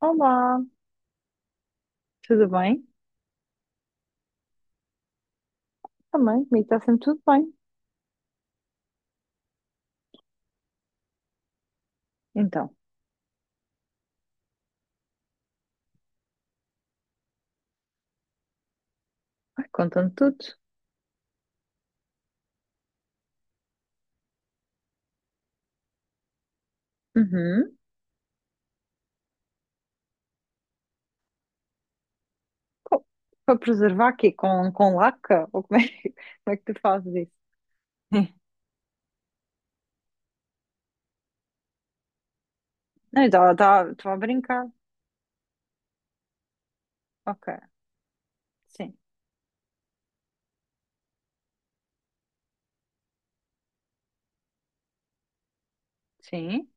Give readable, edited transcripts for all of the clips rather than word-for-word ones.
Olá, tudo bem? Também, comigo está sempre tudo bem. Então, ai, conta-me tudo. Uhum. Co- Para preservar aqui com laca? Ou como como é que tu fazes isso? Não, estava a brincar. Ok, sim, sim.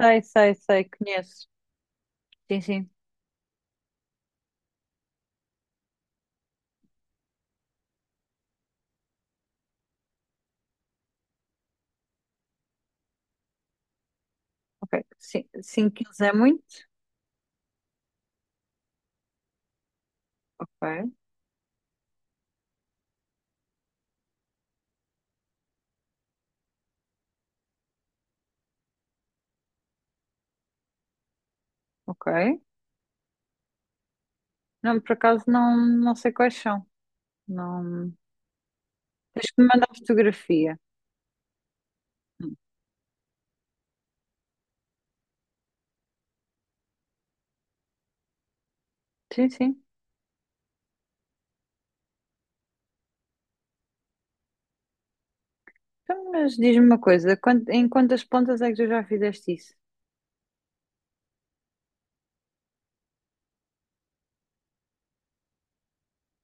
Sei, sei, sei, conheço. Sim, sim. Ok, sim, 5 quilos é muito? Ok, ok. Não, por acaso não, não sei quais são. Não... Tens que me mandar fotografia. Hum. Sim, sim. Então, mas diz-me uma coisa, em quantas pontas é que tu já fizeste isso?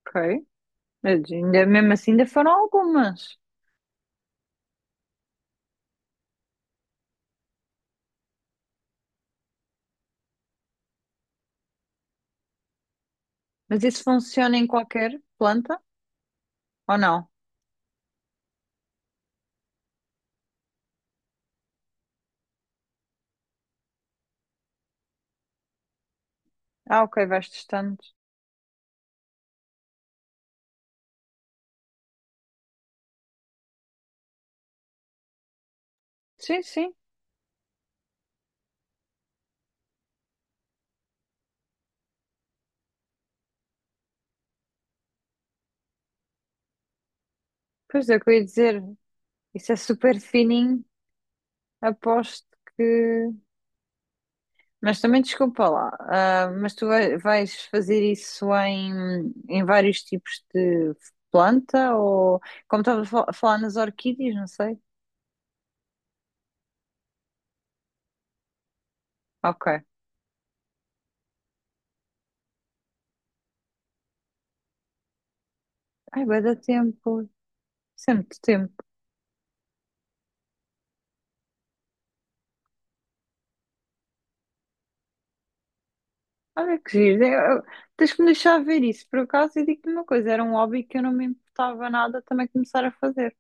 Ok. Mas ainda, mesmo assim, ainda foram algumas. Mas isso funciona em qualquer planta ou não? Ah, ok, vais testando. Sim, sim. Pois é, o que eu ia dizer. Isso é super fininho. Aposto que. Mas também desculpa lá. Mas tu vais fazer isso em, em vários tipos de planta ou. Como estava a a falar nas orquídeas, não sei. Ok. Ai, vai dar tempo. Sempre tempo. Olha que giro. Eu- Tens que me deixar ver isso. Por acaso, eu digo-te uma coisa: era um hobby que eu não me importava nada também começar a fazer.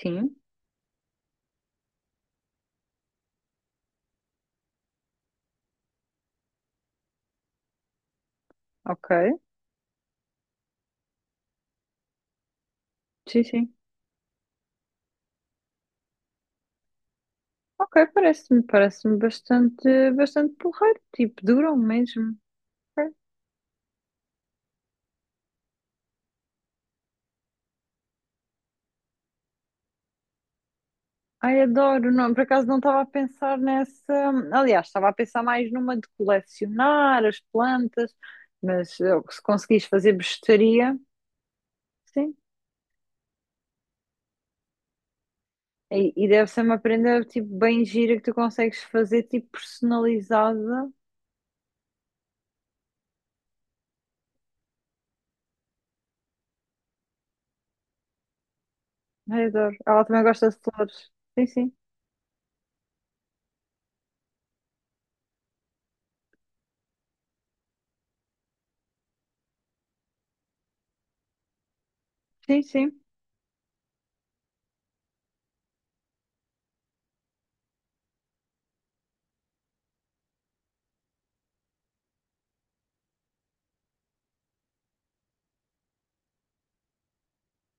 Sim, ok. Sim, sim. Ok, parece-me bastante, bastante porreiro. Tipo, duram mesmo. Ok. Ai, adoro. Não, por acaso não estava a pensar nessa. Aliás, estava a pensar mais numa de colecionar as plantas, mas se conseguis fazer bestaria. E deve ser uma prenda tipo bem gira que tu consegues fazer tipo personalizada. Ai, adoro. Ela também gosta de flores. Sim, sim. Sim, sim.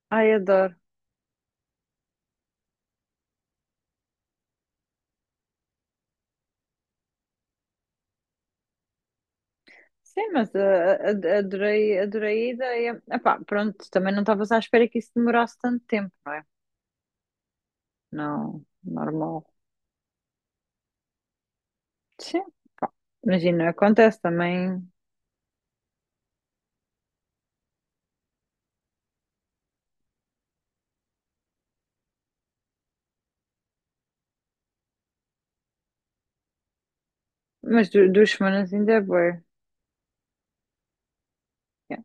Ai, adoro. Sim, mas adorei, adorei a ideia. Epá, pronto, também não estavas à espera que isso demorasse tanto tempo, não é? Não, normal. Sim, imagina, acontece também. Mas 2 semanas ainda é bué. Yeah.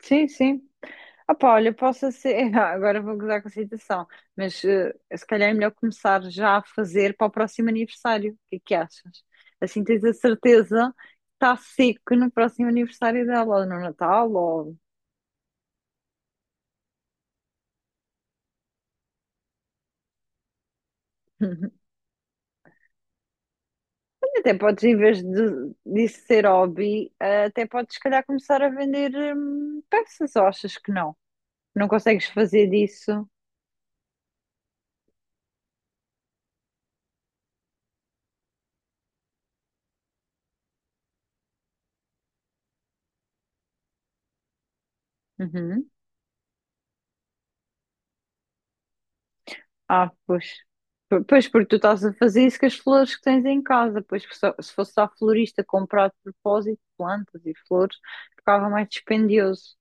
Sim, sim. Opa, olha, posso ser. Ah, agora vou gozar com a situação, mas se calhar é melhor começar já a fazer para o próximo aniversário. O que é que achas? Assim tens a certeza que está seco no próximo aniversário dela, ou no Natal, ou. Até podes, em vez disso ser hobby, até podes, se calhar, começar a vender peças, ou achas que não? Não consegues fazer disso? Uhum. Ah, pois. Pois, porque tu estás a fazer isso com as flores que tens em casa. Pois, se fosse à florista comprar de propósito plantas e flores, ficava mais dispendioso.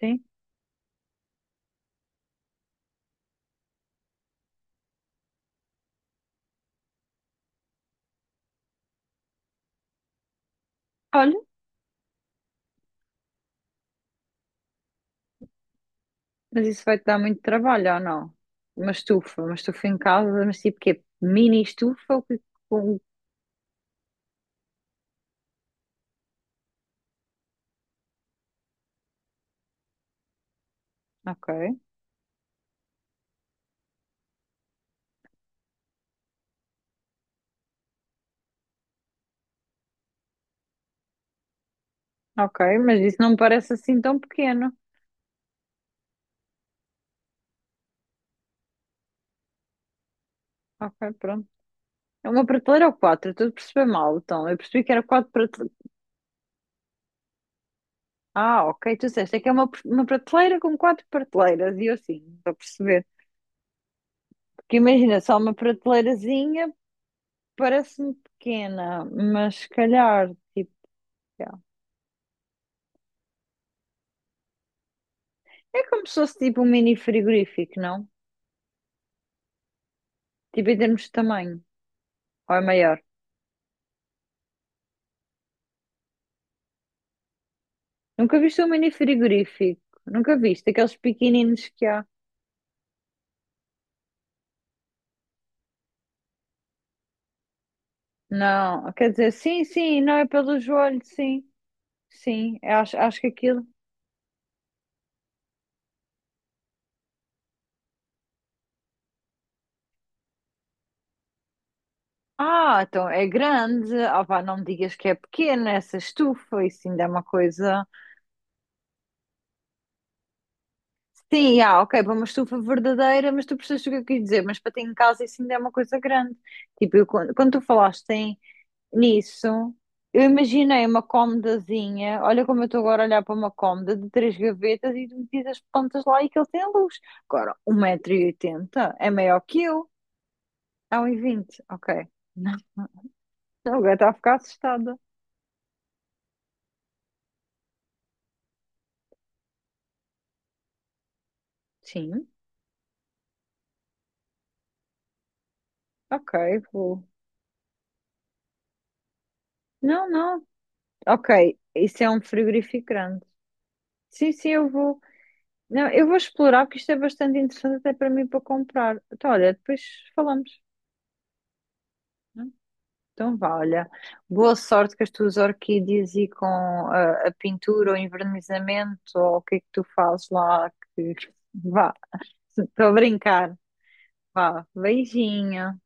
Sim? Olha, mas isso vai-te dar muito trabalho, ou não? Uma estufa em casa, mas tipo quê? Mini estufa? Com- Ok, ok, mas isso não me parece assim tão pequeno. Ok, pronto. É uma prateleira ou quatro? Eu estou a perceber mal, então. Eu percebi que era quatro. Ah, ok, tu disseste, é que é uma prateleira com quatro prateleiras, e eu sim, estou a perceber. Porque imagina, só uma prateleirazinha parece-me pequena, mas se calhar, tipo, é. É como se fosse tipo um mini frigorífico, não? Tipo em termos de tamanho, ou é maior? Nunca viste um mini frigorífico? Nunca viste aqueles pequeninos que há? Não, quer dizer, sim, sim, não é pelo joelho, sim, sim, eu acho, acho que aquilo. Ah, então é grande. Ah, vá, não me digas que é pequena essa estufa, isso ainda é uma coisa. Sim, ah, ok, para uma estufa verdadeira, mas tu percebes o que eu quis dizer, mas para ter em casa isso ainda é uma coisa grande. Tipo, eu quando tu falaste nisso, eu imaginei uma comodazinha, olha como eu estou agora a olhar para uma cômoda de 3 gavetas e tu metias as plantas lá e que ele tem luz. Agora, 1 metro e oitenta é maior que eu, é 120 vinte? Ok. Agora está a ficar assustada. Sim, ok, vou. Não, não. Ok, isso é um frigorífico grande. Sim, sim, eu vou. Não, eu vou explorar porque isto é bastante interessante até para mim para comprar. Então, olha, depois falamos. Né? Então, vá, olha. Boa sorte com as tuas orquídeas e com a pintura ou envernizamento ou o que é que tu fazes lá. Que... Vá, estou a brincar. Vá, beijinho.